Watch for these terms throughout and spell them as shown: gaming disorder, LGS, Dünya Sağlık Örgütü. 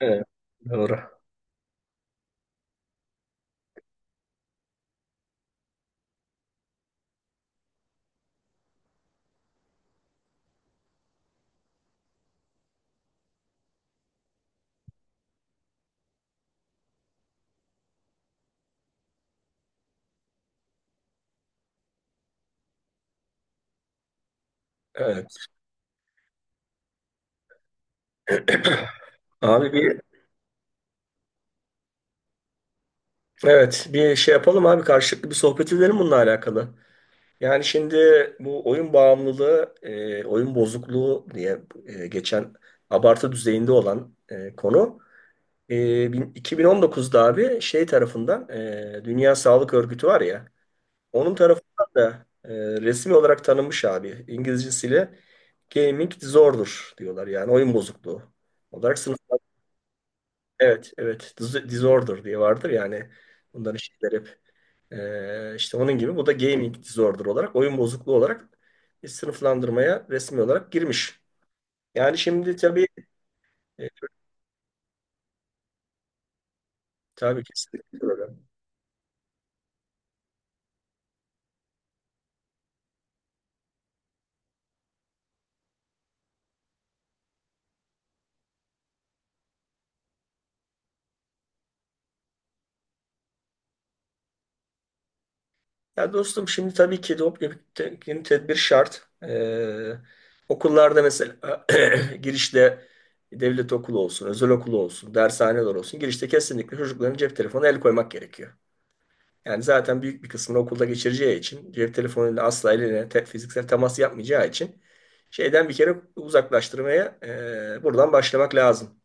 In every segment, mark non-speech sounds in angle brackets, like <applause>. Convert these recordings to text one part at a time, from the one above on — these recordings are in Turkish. Evet, doğru. Evet. <clears throat> Abi bir evet bir şey yapalım abi karşılıklı bir sohbet edelim bununla alakalı. Yani şimdi bu oyun bağımlılığı, oyun bozukluğu diye geçen abartı düzeyinde olan konu 2019'da abi şey tarafından Dünya Sağlık Örgütü var ya onun tarafından da resmi olarak tanınmış abi. İngilizcesiyle gaming disorder diyorlar yani oyun bozukluğu olarak. Evet, evet. Disorder diye vardır yani. Bunların şeyler hep işte onun gibi. Bu da gaming disorder olarak, oyun bozukluğu olarak bir sınıflandırmaya resmi olarak girmiş. Yani şimdi tabii e, tabii kesinlikle problem. Ya dostum şimdi tabii ki doping tedbir şart. Okullarda mesela <clears throat> girişte devlet okulu olsun, özel okulu olsun, dershaneler olsun. Girişte kesinlikle çocukların cep telefonu el koymak gerekiyor. Yani zaten büyük bir kısmını okulda geçireceği için cep telefonuyla asla eline fiziksel temas yapmayacağı için şeyden bir kere uzaklaştırmaya buradan başlamak lazım.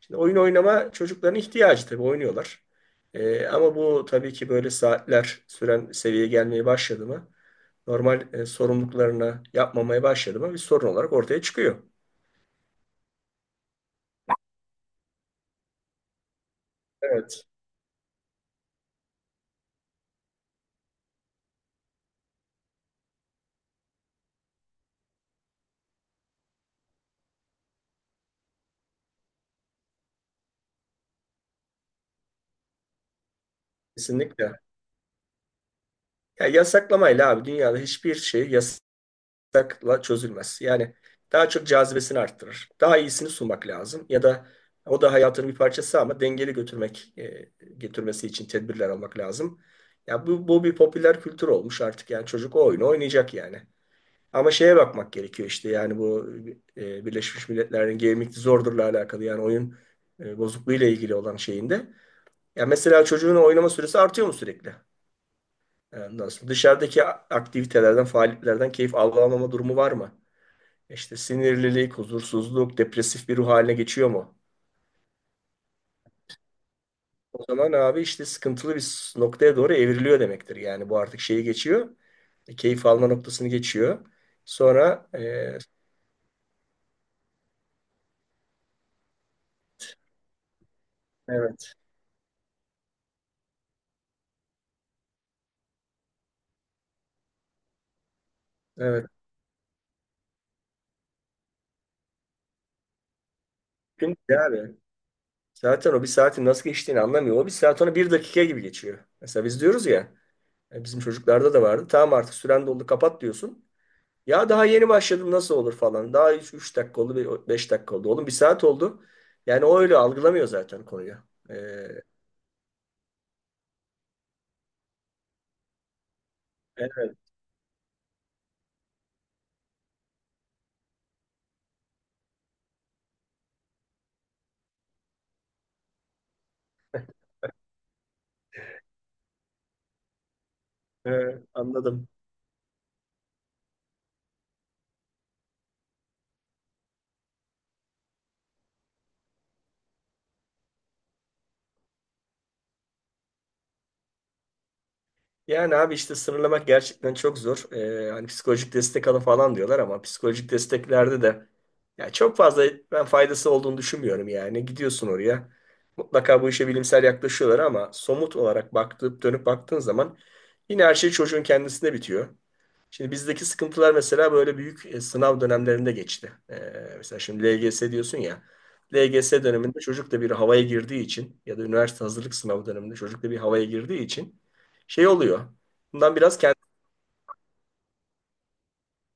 Şimdi oyun oynama çocukların ihtiyacı tabii oynuyorlar. Ama bu tabii ki böyle saatler süren seviyeye gelmeye başladı mı normal sorumluluklarını yapmamaya başladı mı bir sorun olarak ortaya çıkıyor. Evet. Kesinlikle. Ya yasaklamayla abi dünyada hiçbir şey takla çözülmez. Yani daha çok cazibesini arttırır. Daha iyisini sunmak lazım ya da o da hayatının bir parçası ama dengeli getirmesi için tedbirler almak lazım. Ya bu bir popüler kültür olmuş artık yani çocuk o oyunu oynayacak yani. Ama şeye bakmak gerekiyor işte yani bu Birleşmiş Milletler'in Gaming Disorder'la alakalı yani oyun bozukluğuyla ilgili olan şeyinde. Ya mesela çocuğun oynama süresi artıyor mu sürekli? Ondan sonra dışarıdaki aktivitelerden, faaliyetlerden keyif alamama durumu var mı? İşte sinirlilik, huzursuzluk, depresif bir ruh haline geçiyor mu? O zaman abi işte sıkıntılı bir noktaya doğru evriliyor demektir. Yani bu artık şeyi geçiyor. Keyif alma noktasını geçiyor. Sonra. Evet, evet. Çünkü abi zaten o bir saatin nasıl geçtiğini anlamıyor. O bir saat ona bir dakika gibi geçiyor. Mesela biz diyoruz ya bizim çocuklarda da vardı. Tamam artık süren doldu kapat diyorsun. Ya daha yeni başladım nasıl olur falan. Daha 3 dakika oldu, 5 dakika oldu. Oğlum bir saat oldu. Yani o öyle algılamıyor zaten konuyu. Ee, evet, evet, anladım. Yani abi işte sınırlamak gerçekten çok zor. Hani psikolojik destek alın falan diyorlar ama psikolojik desteklerde de ya çok fazla ben faydası olduğunu düşünmüyorum yani. Gidiyorsun oraya. Mutlaka bu işe bilimsel yaklaşıyorlar ama somut olarak baktıp dönüp baktığın zaman yine her şey çocuğun kendisinde bitiyor. Şimdi bizdeki sıkıntılar mesela böyle büyük sınav dönemlerinde geçti. Mesela şimdi LGS diyorsun ya. LGS döneminde çocuk da bir havaya girdiği için ya da üniversite hazırlık sınavı döneminde çocuk da bir havaya girdiği için şey oluyor. Bundan biraz kendini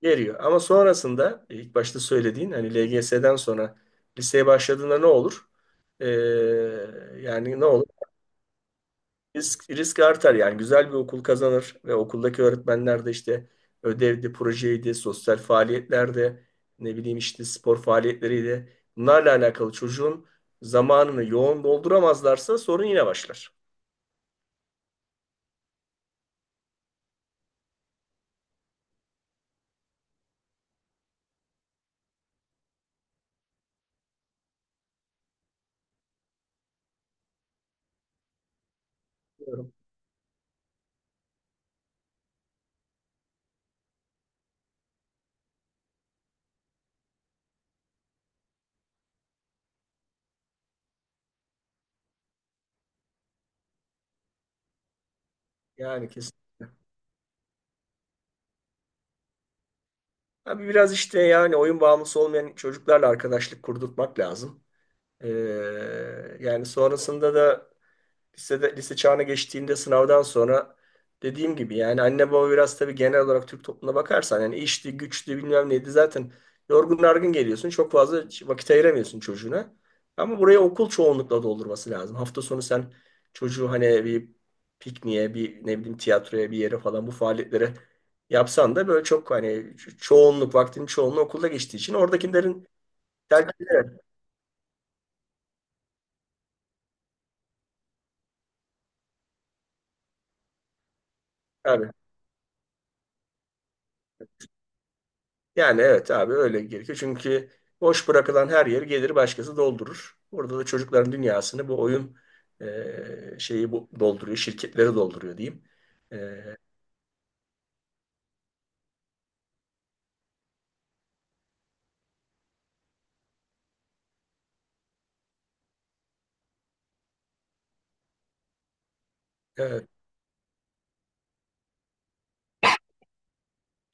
geriyor. Ama sonrasında ilk başta söylediğin hani LGS'den sonra liseye başladığında ne olur? Ee, yani ne olur? Risk, risk artar yani güzel bir okul kazanır ve okuldaki öğretmenler de işte ödevdi, projeydi, sosyal faaliyetlerde ne bileyim işte spor faaliyetleriydi. Bunlarla alakalı çocuğun zamanını yoğun dolduramazlarsa sorun yine başlar. Diyorum. Yani kesinlikle. Abi biraz işte yani oyun bağımlısı olmayan çocuklarla arkadaşlık kurdurtmak lazım. Yani sonrasında da lisede, lise çağına geçtiğinde sınavdan sonra dediğim gibi yani anne baba biraz tabii genel olarak Türk toplumuna bakarsan yani işti, güçtü bilmem neydi zaten yorgun argın geliyorsun. Çok fazla vakit ayıramıyorsun çocuğuna. Ama buraya okul çoğunlukla doldurması lazım. Hafta sonu sen çocuğu hani bir pikniğe, bir ne bileyim tiyatroya bir yere falan bu faaliyetlere yapsan da böyle çok hani çoğunluk vaktinin çoğunluğu okulda geçtiği için oradakilerin tercihleri. Evet. Yani evet abi öyle gerekiyor. Çünkü boş bırakılan her yeri gelir başkası doldurur. Burada da çocukların dünyasını bu oyun şeyi bu, dolduruyor, şirketleri dolduruyor diyeyim. E, evet.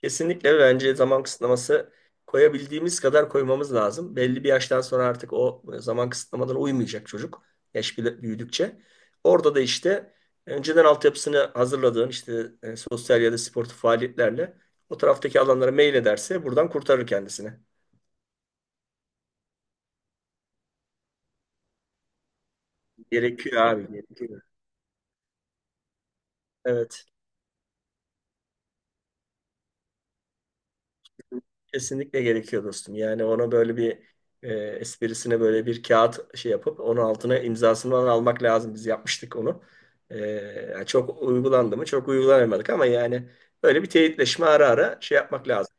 Kesinlikle bence zaman kısıtlaması koyabildiğimiz kadar koymamız lazım. Belli bir yaştan sonra artık o zaman kısıtlamadan uymayacak çocuk. Yaş büyüdükçe. Orada da işte önceden altyapısını hazırladığın işte sosyal ya da sportif faaliyetlerle o taraftaki alanlara mail ederse buradan kurtarır kendisini. Gerekiyor abi, gerekiyor. Evet, kesinlikle gerekiyor dostum. Yani ona böyle bir esprisine böyle bir kağıt şey yapıp onun altına imzasını falan almak lazım. Biz yapmıştık onu. E, Yani çok uygulandı mı? Çok uygulanamadık ama yani böyle bir teyitleşme ara ara şey yapmak lazım.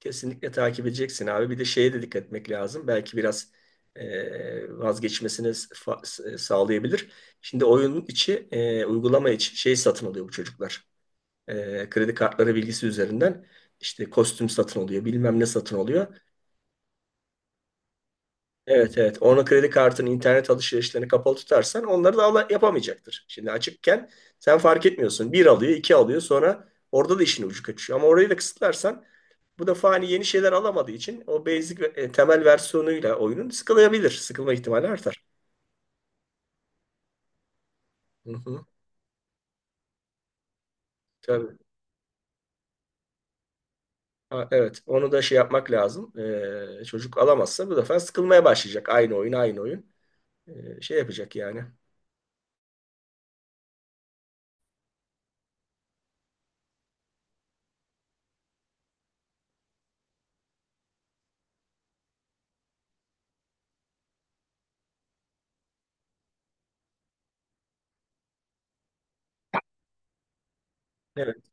Kesinlikle takip edeceksin abi. Bir de şeye de dikkat etmek lazım. Belki biraz vazgeçmesini sağlayabilir. Şimdi oyunun içi, uygulama içi şey satın alıyor bu çocuklar. Kredi kartları bilgisi üzerinden işte kostüm satın oluyor, bilmem ne satın oluyor. Evet, evet. Onun kredi kartının internet alışverişlerini kapalı tutarsan onları da yapamayacaktır. Şimdi açıkken sen fark etmiyorsun. Bir alıyor, iki alıyor sonra orada da işin ucu kaçıyor. Ama orayı da kısıtlarsan bu defa hani yeni şeyler alamadığı için o basic temel versiyonuyla oyunun sıkılabilir. Sıkılma ihtimali artar. Hı hı, tabii. Ha, evet. Onu da şey yapmak lazım. Çocuk alamazsa bu defa sıkılmaya başlayacak. Aynı oyun, aynı oyun. Şey yapacak yani. Evet,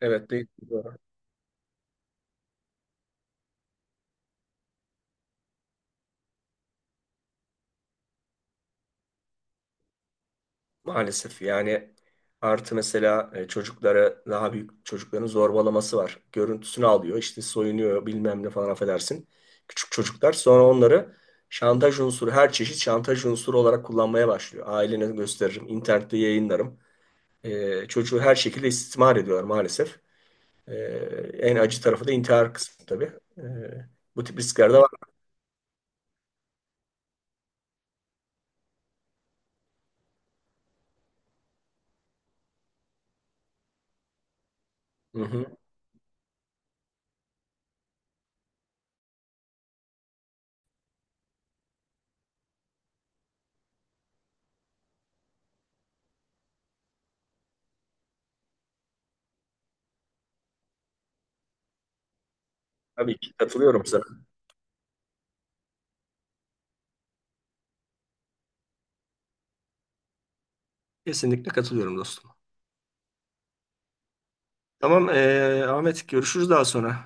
evet değil. Doğru. Maalesef yani artı mesela çocuklara daha büyük çocukların zorbalaması var. Görüntüsünü alıyor işte soyunuyor bilmem ne falan affedersin. Küçük çocuklar sonra onları şantaj unsuru her çeşit şantaj unsuru olarak kullanmaya başlıyor. Ailene gösteririm, internette yayınlarım. Çocuğu her şekilde istismar ediyorlar maalesef. E, en acı tarafı da intihar kısmı tabii. E, bu tip riskler de var. Hı hı. Tabii ki katılıyorum sana. Kesinlikle katılıyorum dostum. Tamam Ahmet görüşürüz daha sonra.